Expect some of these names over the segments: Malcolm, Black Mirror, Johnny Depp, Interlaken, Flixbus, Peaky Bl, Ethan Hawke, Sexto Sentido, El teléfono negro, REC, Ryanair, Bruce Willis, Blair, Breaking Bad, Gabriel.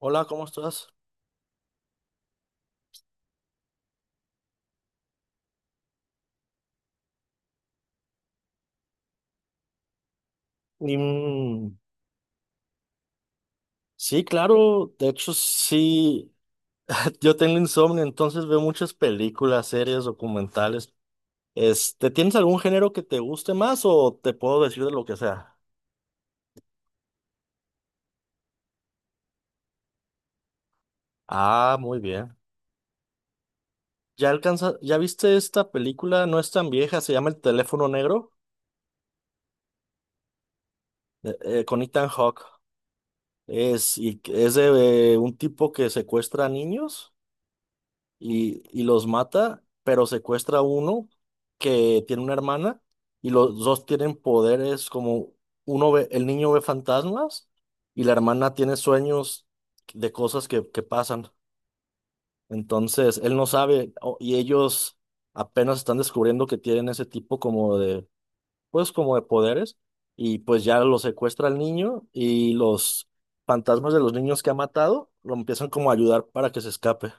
Hola, ¿cómo estás? Mm, sí, claro, de hecho sí, yo tengo insomnio, entonces veo muchas películas, series, documentales. Este, ¿tienes algún género que te guste más o te puedo decir de lo que sea? Ah, muy bien. Ya viste esta película? No es tan vieja, se llama El teléfono negro, con Ethan Hawke. Y es de un tipo que secuestra a niños. Y los mata, pero secuestra a uno que tiene una hermana, y los dos tienen poderes como uno ve, el niño ve fantasmas y la hermana tiene sueños de cosas que pasan. Entonces, él no sabe y ellos apenas están descubriendo que tienen ese tipo como de, pues como de poderes, y pues ya lo secuestra al niño y los fantasmas de los niños que ha matado lo empiezan como a ayudar para que se escape.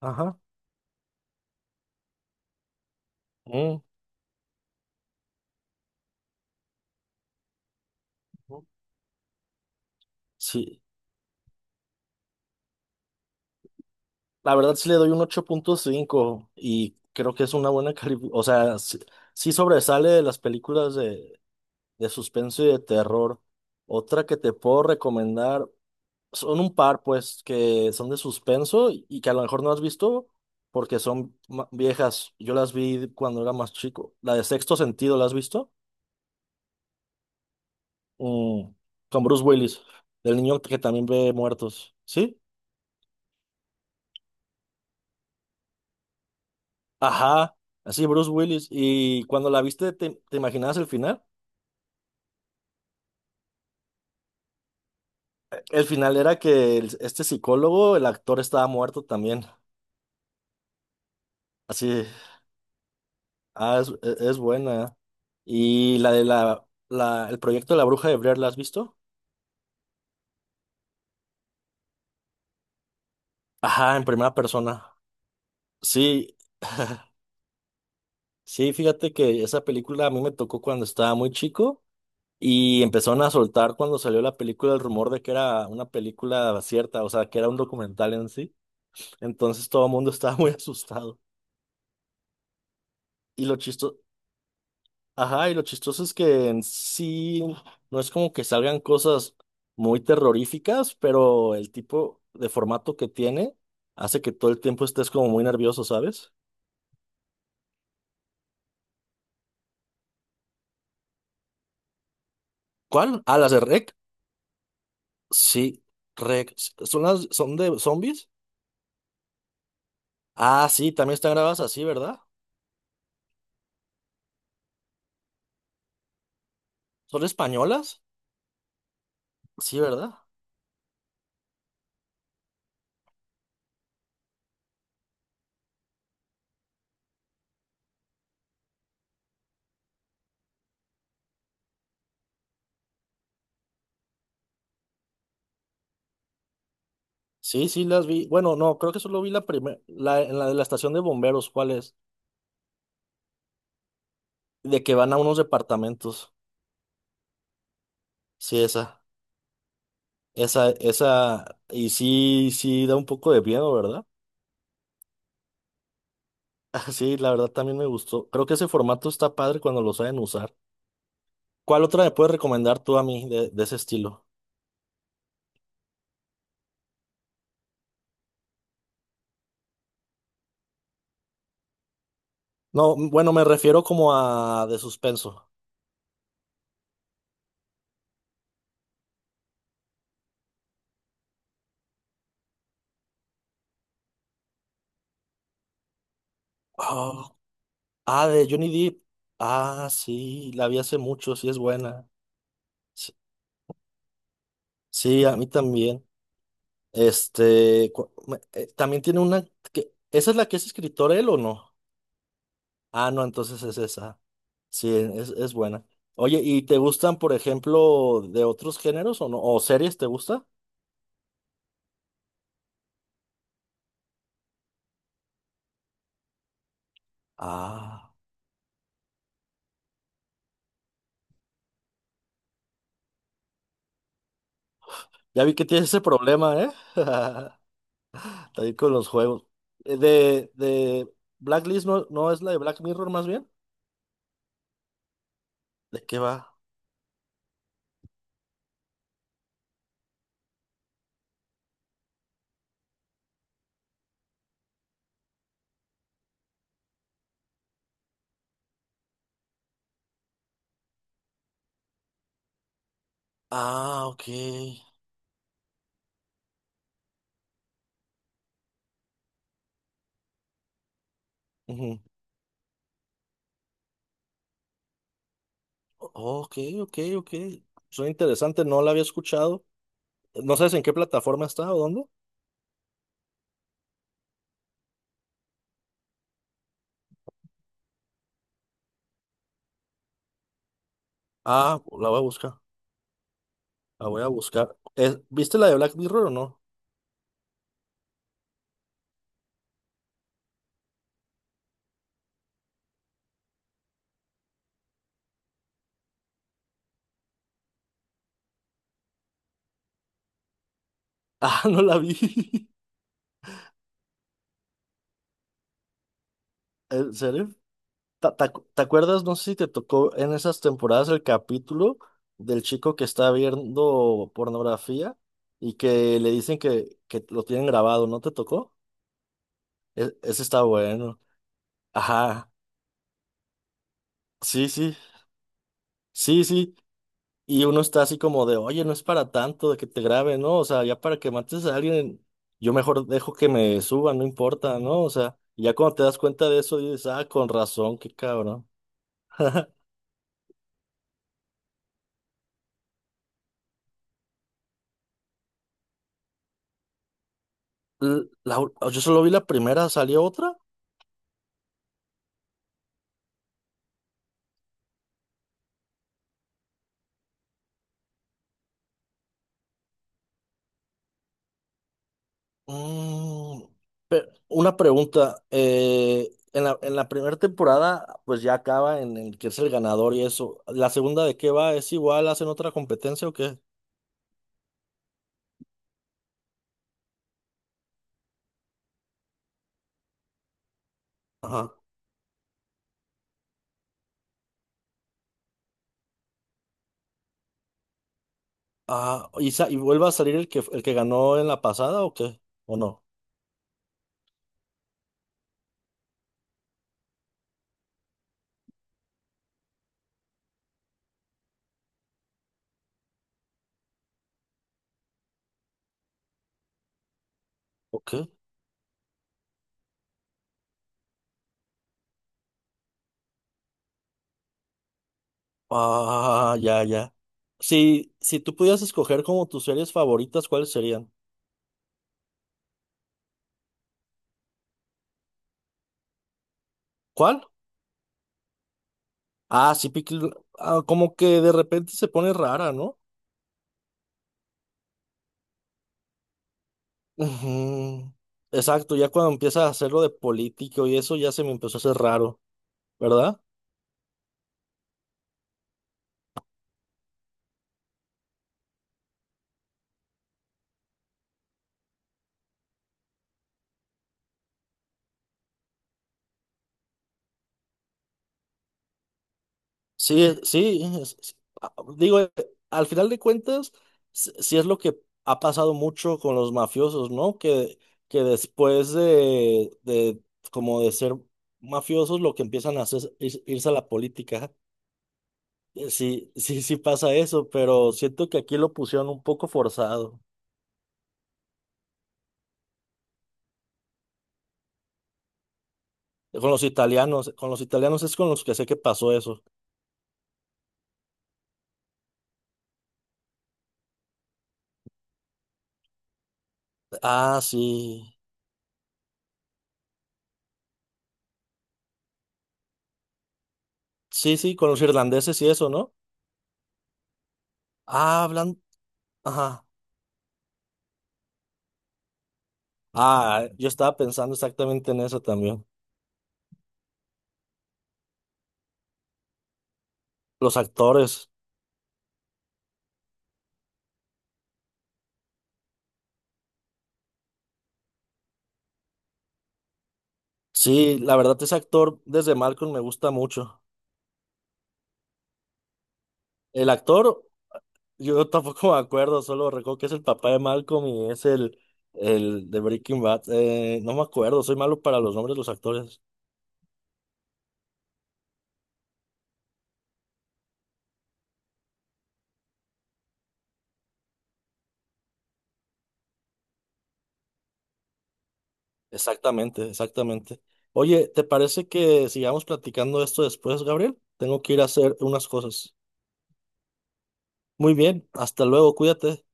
Ajá. Mm. Sí, la verdad sí le doy un 8.5 y creo que es una buena calificación. O sea, sí, sí sobresale de las películas de suspenso y de terror. Otra que te puedo recomendar, son un par, pues, que son de suspenso y que a lo mejor no has visto porque son viejas. Yo las vi cuando era más chico. La de Sexto Sentido, ¿la has visto? Mm, con Bruce Willis, del niño que también ve muertos. ¿Sí? Ajá, así Bruce Willis. Y cuando la viste, ¿te imaginabas el final? El final era que este psicólogo, el actor estaba muerto también. Así, ah, es, es buena. Y la de el proyecto de la bruja de Blair, ¿la has visto? Ajá, en primera persona. Sí, sí, fíjate que esa película a mí me tocó cuando estaba muy chico y empezaron a soltar, cuando salió la película, el rumor de que era una película cierta, o sea, que era un documental en sí. Entonces todo el mundo estaba muy asustado. Y lo chistoso, ajá, y lo chistoso es que en sí no es como que salgan cosas muy terroríficas, pero el tipo de formato que tiene hace que todo el tiempo estés como muy nervioso, ¿sabes? ¿Cuál? Ah, las de REC. Sí, REC. ¿Son de zombies? Ah, sí, también están grabadas así, ¿verdad? ¿Son españolas? Sí, ¿verdad? Sí, sí, las vi. Bueno, no, creo que solo vi la primera, en la de la estación de bomberos, ¿cuál es? De que van a unos departamentos. Sí, esa. Esa, y sí, sí da un poco de miedo, ¿verdad? Sí, la verdad también me gustó. Creo que ese formato está padre cuando lo saben usar. ¿Cuál otra me puedes recomendar tú a mí de ese estilo? No, bueno, me refiero como a de suspenso. Oh, ah, de Johnny Depp. Ah, sí, la vi hace mucho, sí es buena. Sí, sí, a mí también. Este, también tiene una que, ¿esa es la que es escritor él o no? Ah, no, entonces es esa. Sí, es buena. Oye, ¿y te gustan, por ejemplo, de otros géneros o no? ¿O series te gusta? Ah, ya vi que tienes ese problema, ¿eh? También con los juegos. De Blacklist no, no es la de Black Mirror más bien. ¿De qué va? Ah, ok. Ujú. O- Ok, ok, ok. Suena interesante, no la había escuchado. No sabes en qué plataforma está o dónde. Ah, la voy a buscar. La voy a buscar. ¿Viste la de Black Mirror o no? Ah, no la vi. ¿En serio? ¿Te te acuerdas? No sé si te tocó en esas temporadas el capítulo del chico que está viendo pornografía y que le dicen que lo tienen grabado, ¿no te tocó? Ese está bueno. Ajá, sí, sí, sí, sí. Y uno está así como de, oye, no es para tanto de que te graben, ¿no? O sea, ya para que mates a alguien, yo mejor dejo que me suban, no importa, ¿no? O sea, ya cuando te das cuenta de eso, dices, ah, con razón, qué cabrón. Yo solo vi la primera, ¿salió otra? Mm, una pregunta. En la primera temporada, pues ya acaba en el que es el ganador y eso. ¿La segunda de qué va? ¿Es igual? ¿Hacen otra competencia o qué? Ajá. Ah, ¿y, y vuelve a salir el que ganó en la pasada o qué? ¿O no? ¿O qué? Ah, ya, ya. Si tú pudieras escoger como tus series favoritas, ¿cuáles serían? ¿Cuál? Ah, sí, como que de repente se pone rara, ¿no? Ujú. Exacto, ya cuando empiezas a hacerlo de político y eso ya se me empezó a hacer raro, ¿verdad? Sí, a- digo, eh, al final de cuentas, sí es lo que ha pasado mucho con los mafiosos, ¿no? Que después como de ser mafiosos, lo que empiezan a hacer es irse a la política. Sí, sí, sí pasa eso, pero siento que aquí lo pusieron un poco forzado. Con los italianos es con los que sé que pasó eso. Ah, sí. Sí, sí, con los irlandeses y eso, ¿no? Ah, hablan. Ajá. Ah, yo estaba pensando exactamente en eso también. Los actores. Sí, la verdad, ese actor desde Malcolm me gusta mucho. El actor, yo tampoco me acuerdo, solo recuerdo que es el papá de Malcolm y es el de Breaking Bad. No me acuerdo, soy malo para los nombres de los actores. Exactamente, exactamente. Oye, ¿te parece que sigamos platicando esto después, Gabriel? Tengo que ir a hacer unas cosas. Muy bien, hasta luego, cuídate.